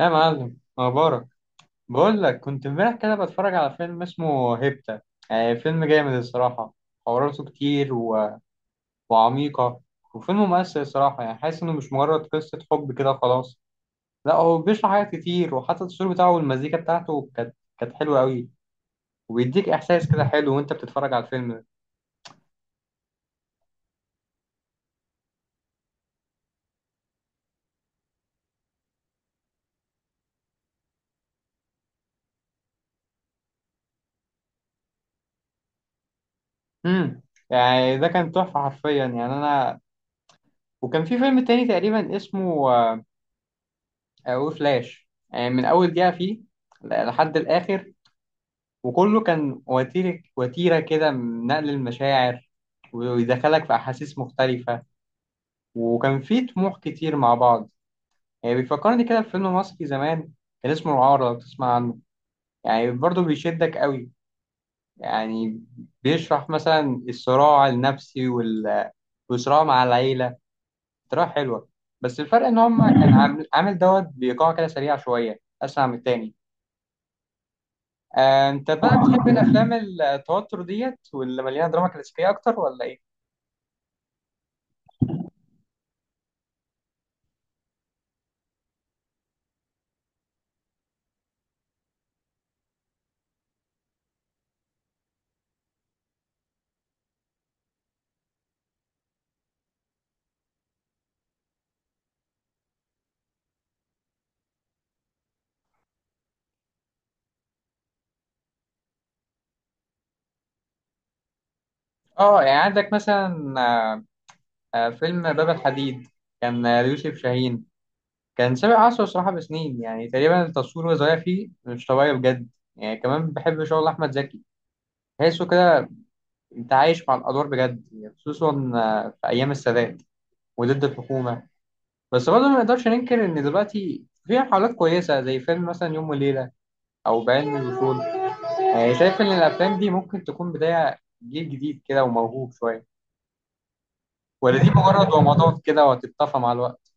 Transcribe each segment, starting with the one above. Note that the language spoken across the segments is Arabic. يا معلم مبارك، بقول لك كنت امبارح كده بتفرج على فيلم اسمه هيبتا. يعني فيلم جامد الصراحة، حواراته كتير وعميقة. وفيلم مؤثر الصراحة، يعني حاسس إنه مش مجرد قصة حب كده خلاص. لا، هو بيشرح حاجات كتير، وحتى التصوير بتاعه والمزيكا بتاعته كانت حلوة أوي. وبيديك إحساس كده حلو وأنت بتتفرج على الفيلم ده. امم يعني ده كان تحفة حرفيا، يعني أنا. وكان في فيلم تاني تقريبا اسمه وفلاش، يعني من أول دقيقة فيه لحد الآخر. وكله كان وتيرة وتيرة كده من نقل المشاعر، ويدخلك في أحاسيس مختلفة، وكان فيه طموح كتير مع بعض. يعني بيفكرني كده بفيلم مصري زمان، كان اسمه العار، لو تسمع عنه. يعني برضه بيشدك قوي، يعني بيشرح مثلا الصراع النفسي والصراع مع العيلة، طريقة حلوة. بس الفرق إن هما كان عامل دوت بإيقاع كده سريع شوية أسرع من التاني. أنت بقى بتحب الأفلام التوتر ديت واللي مليانة دراما كلاسيكية أكتر ولا إيه؟ اه، يعني عندك مثلا فيلم باب الحديد، كان ليوسف شاهين. كان سابق عصره صراحة بسنين، يعني تقريبا التصوير وهو صغير فيه مش طبيعي بجد. يعني كمان بحب شغل أحمد زكي، تحسه كده أنت عايش مع الأدوار بجد، يعني خصوصا في أيام السادات وضد الحكومة. بس برضه ما نقدرش ننكر إن دلوقتي في محاولات كويسة، زي فيلم مثلا يوم وليلة أو بعلم الوصول. يعني شايف إن الأفلام دي ممكن تكون بداية جيل جديد كده وموهوب شوية، ولا دي مجرد ومضات كده وهتتطفى مع الوقت؟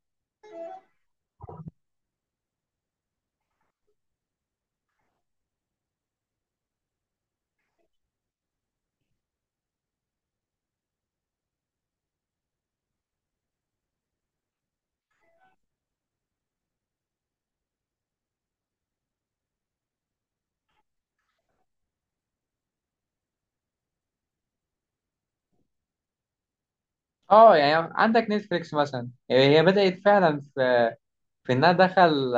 اه، يعني عندك نتفليكس مثلا، يعني هي بدأت فعلا في انها دخل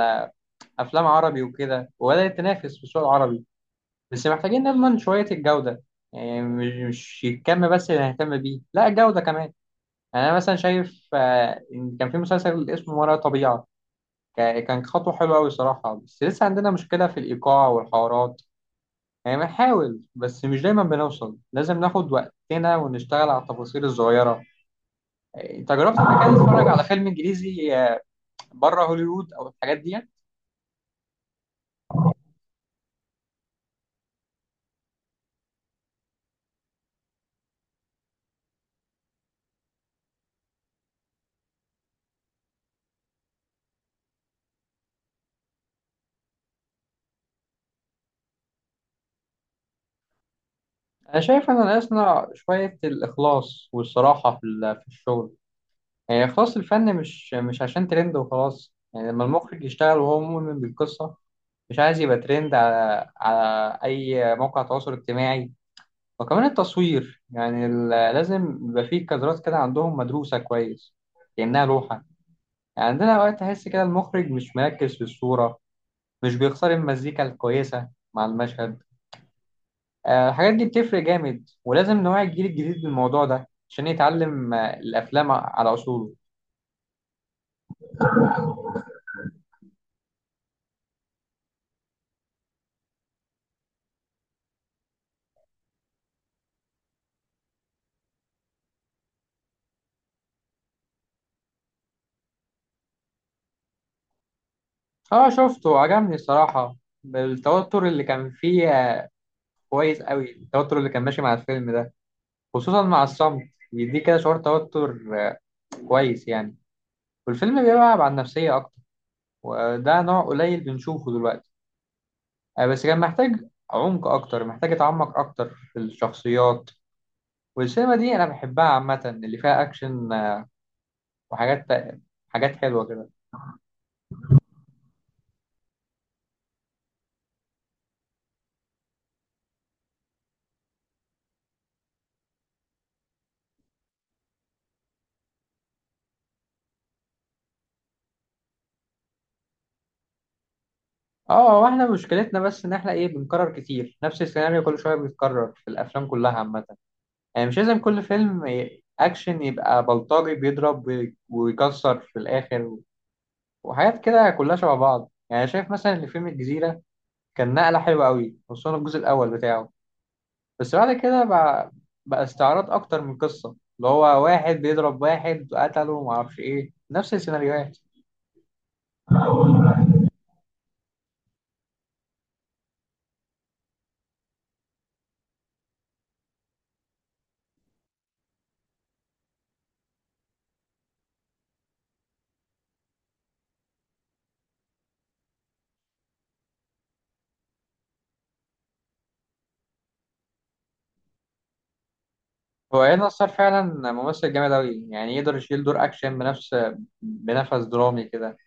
افلام عربي وكده، وبدأت تنافس في السوق العربي. بس محتاجين نضمن شوية الجودة، يعني مش الكم بس اللي هنهتم بيه، لا الجودة كمان. يعني انا مثلا شايف إن كان في مسلسل اسمه ما وراء الطبيعة، كان خطوة حلوة قوي الصراحة. بس لسه عندنا مشكلة في الإيقاع والحوارات، يعني بنحاول بس مش دايما بنوصل، لازم ناخد وقتنا ونشتغل على التفاصيل الصغيرة. انت جربت قبل كده تتفرج على فيلم انجليزي بره هوليوود او الحاجات ديت؟ انا شايف ان الاصنع شويه الاخلاص والصراحه في الشغل، يعني اخلاص الفن، مش عشان ترند وخلاص. يعني لما المخرج يشتغل وهو مؤمن بالقصه، مش عايز يبقى ترند على اي موقع تواصل اجتماعي. وكمان التصوير، يعني لازم يبقى فيه كادرات كده عندهم مدروسه كويس، كانها لوحه. يعني عندنا اوقات تحس كده المخرج مش مركز في الصوره، مش بيختار المزيكا الكويسه مع المشهد. الحاجات دي بتفرق جامد، ولازم نوعي الجيل الجديد بالموضوع ده عشان يتعلم الأفلام على أصوله. اه، شفته، عجبني الصراحة. التوتر اللي كان فيه كويس قوي، التوتر اللي كان ماشي مع الفيلم ده، خصوصا مع الصمت، بيديك كده شعور توتر كويس يعني. والفيلم بيلعب على النفسية أكتر، وده نوع قليل بنشوفه دلوقتي. بس كان محتاج عمق أكتر، محتاج أتعمق أكتر في الشخصيات. والسينما دي أنا بحبها عامة، اللي فيها أكشن وحاجات، حاجات حلوة كده. اه، واحنا مشكلتنا بس ان احنا ايه، بنكرر كتير نفس السيناريو، كل شويه بيتكرر في الافلام كلها عامه. يعني مش لازم كل فيلم اكشن يبقى بلطجي بيضرب ويكسر في الاخر، وحاجات كده كلها شبه بعض. يعني شايف مثلا ان فيلم الجزيره كان نقله حلوه قوي، خصوصا الجزء الاول بتاعه. بس بعد كده بقى استعراض اكتر من قصه، اللي هو واحد بيضرب واحد قتله ومعرفش ايه، نفس السيناريوهات. هو ايه نصار فعلا ممثل جامد أوي، يعني يقدر يشيل دور أكشن بنفس درامي كده.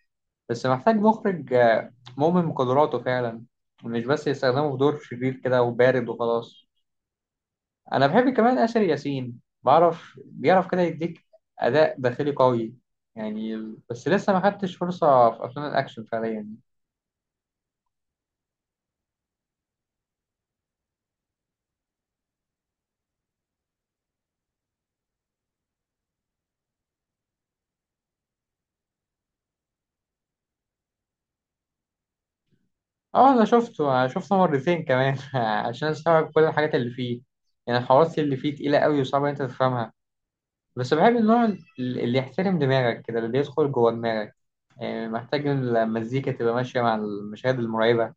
بس محتاج مخرج مؤمن بقدراته فعلا، مش بس يستخدمه في دور شرير كده وبارد وخلاص. أنا بحب كمان آسر ياسين، بيعرف كده يديك أداء داخلي قوي يعني. بس لسه ما خدتش فرصة في أفلام الأكشن فعليا. اه، أنا شفته مرتين كمان عشان أستوعب كل الحاجات اللي فيه. يعني الحوارات اللي فيه تقيلة أوي، وصعبة إن أنت تفهمها. بس بحب النوع اللي يحترم دماغك كده، اللي بيدخل جوه دماغك. يعني محتاج إن المزيكا تبقى ماشية مع المشاهد المرعبة،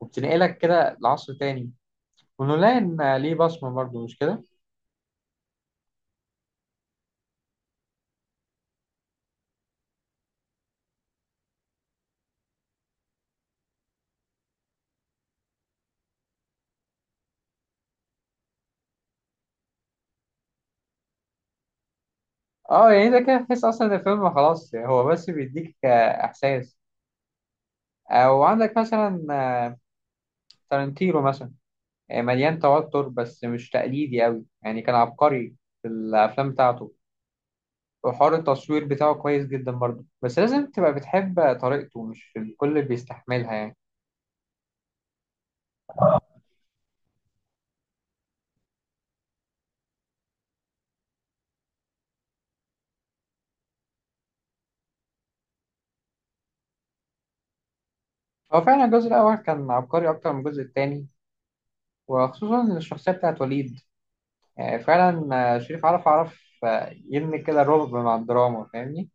وبتنقلك كده لعصر تاني. ونولان ليه بصمة برضه، مش كده؟ اه، يعني ده كده تحس أصلا إن الفيلم خلاص، هو بس بيديك إحساس. أو عندك مثلا تارنتينو مثلا، مليان توتر بس مش تقليدي أوي. يعني كان عبقري في الأفلام بتاعته. وحوار التصوير بتاعه كويس جدا برضه، بس لازم تبقى بتحب طريقته، مش الكل بيستحملها يعني. هو فعلا الجزء الأول كان عبقري أكتر من الجزء التاني، وخصوصا الشخصية بتاعت وليد. فعلا. شريف عرف يبني كده الرعب مع الدراما، فاهمني.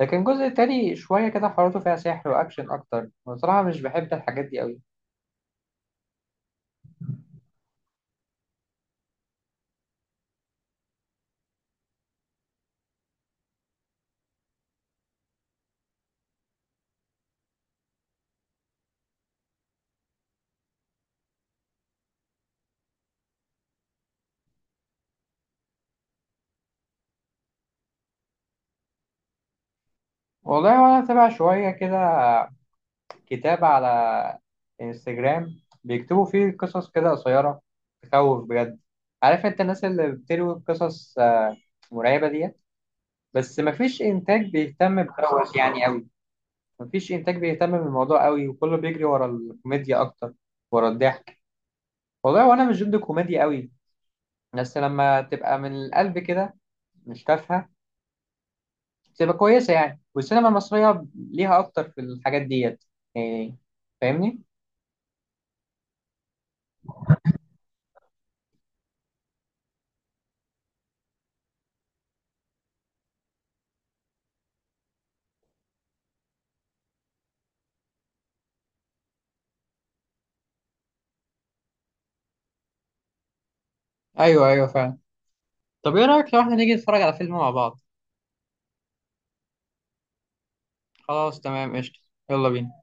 لكن الجزء التاني شوية كده حواراته فيها سحر وأكشن أكتر. بصراحة مش بحب الحاجات دي أوي. والله وأنا أتابع شوية كده كتاب على انستجرام بيكتبوا فيه قصص كده قصيرة تخوف بجد. عارف أنت الناس اللي بتروي قصص مرعبة ديت؟ بس مفيش إنتاج بيهتم بدوت يعني أوي، مفيش انتاج بيهتم بالموضوع قوي، وكله بيجري ورا الكوميديا اكتر، ورا الضحك. والله وانا مش ضد الكوميديا قوي، بس لما تبقى من القلب كده، مش تافهه، تبقى كويسه. يعني والسينما المصريه ليها اكتر في الحاجات ديت يعني، فاهمني. ايوه، ايوه، فعلا. طب ايه رايك لو احنا نيجي نتفرج على فيلم مع بعض؟ خلاص، تمام، قشطه. يلا بينا.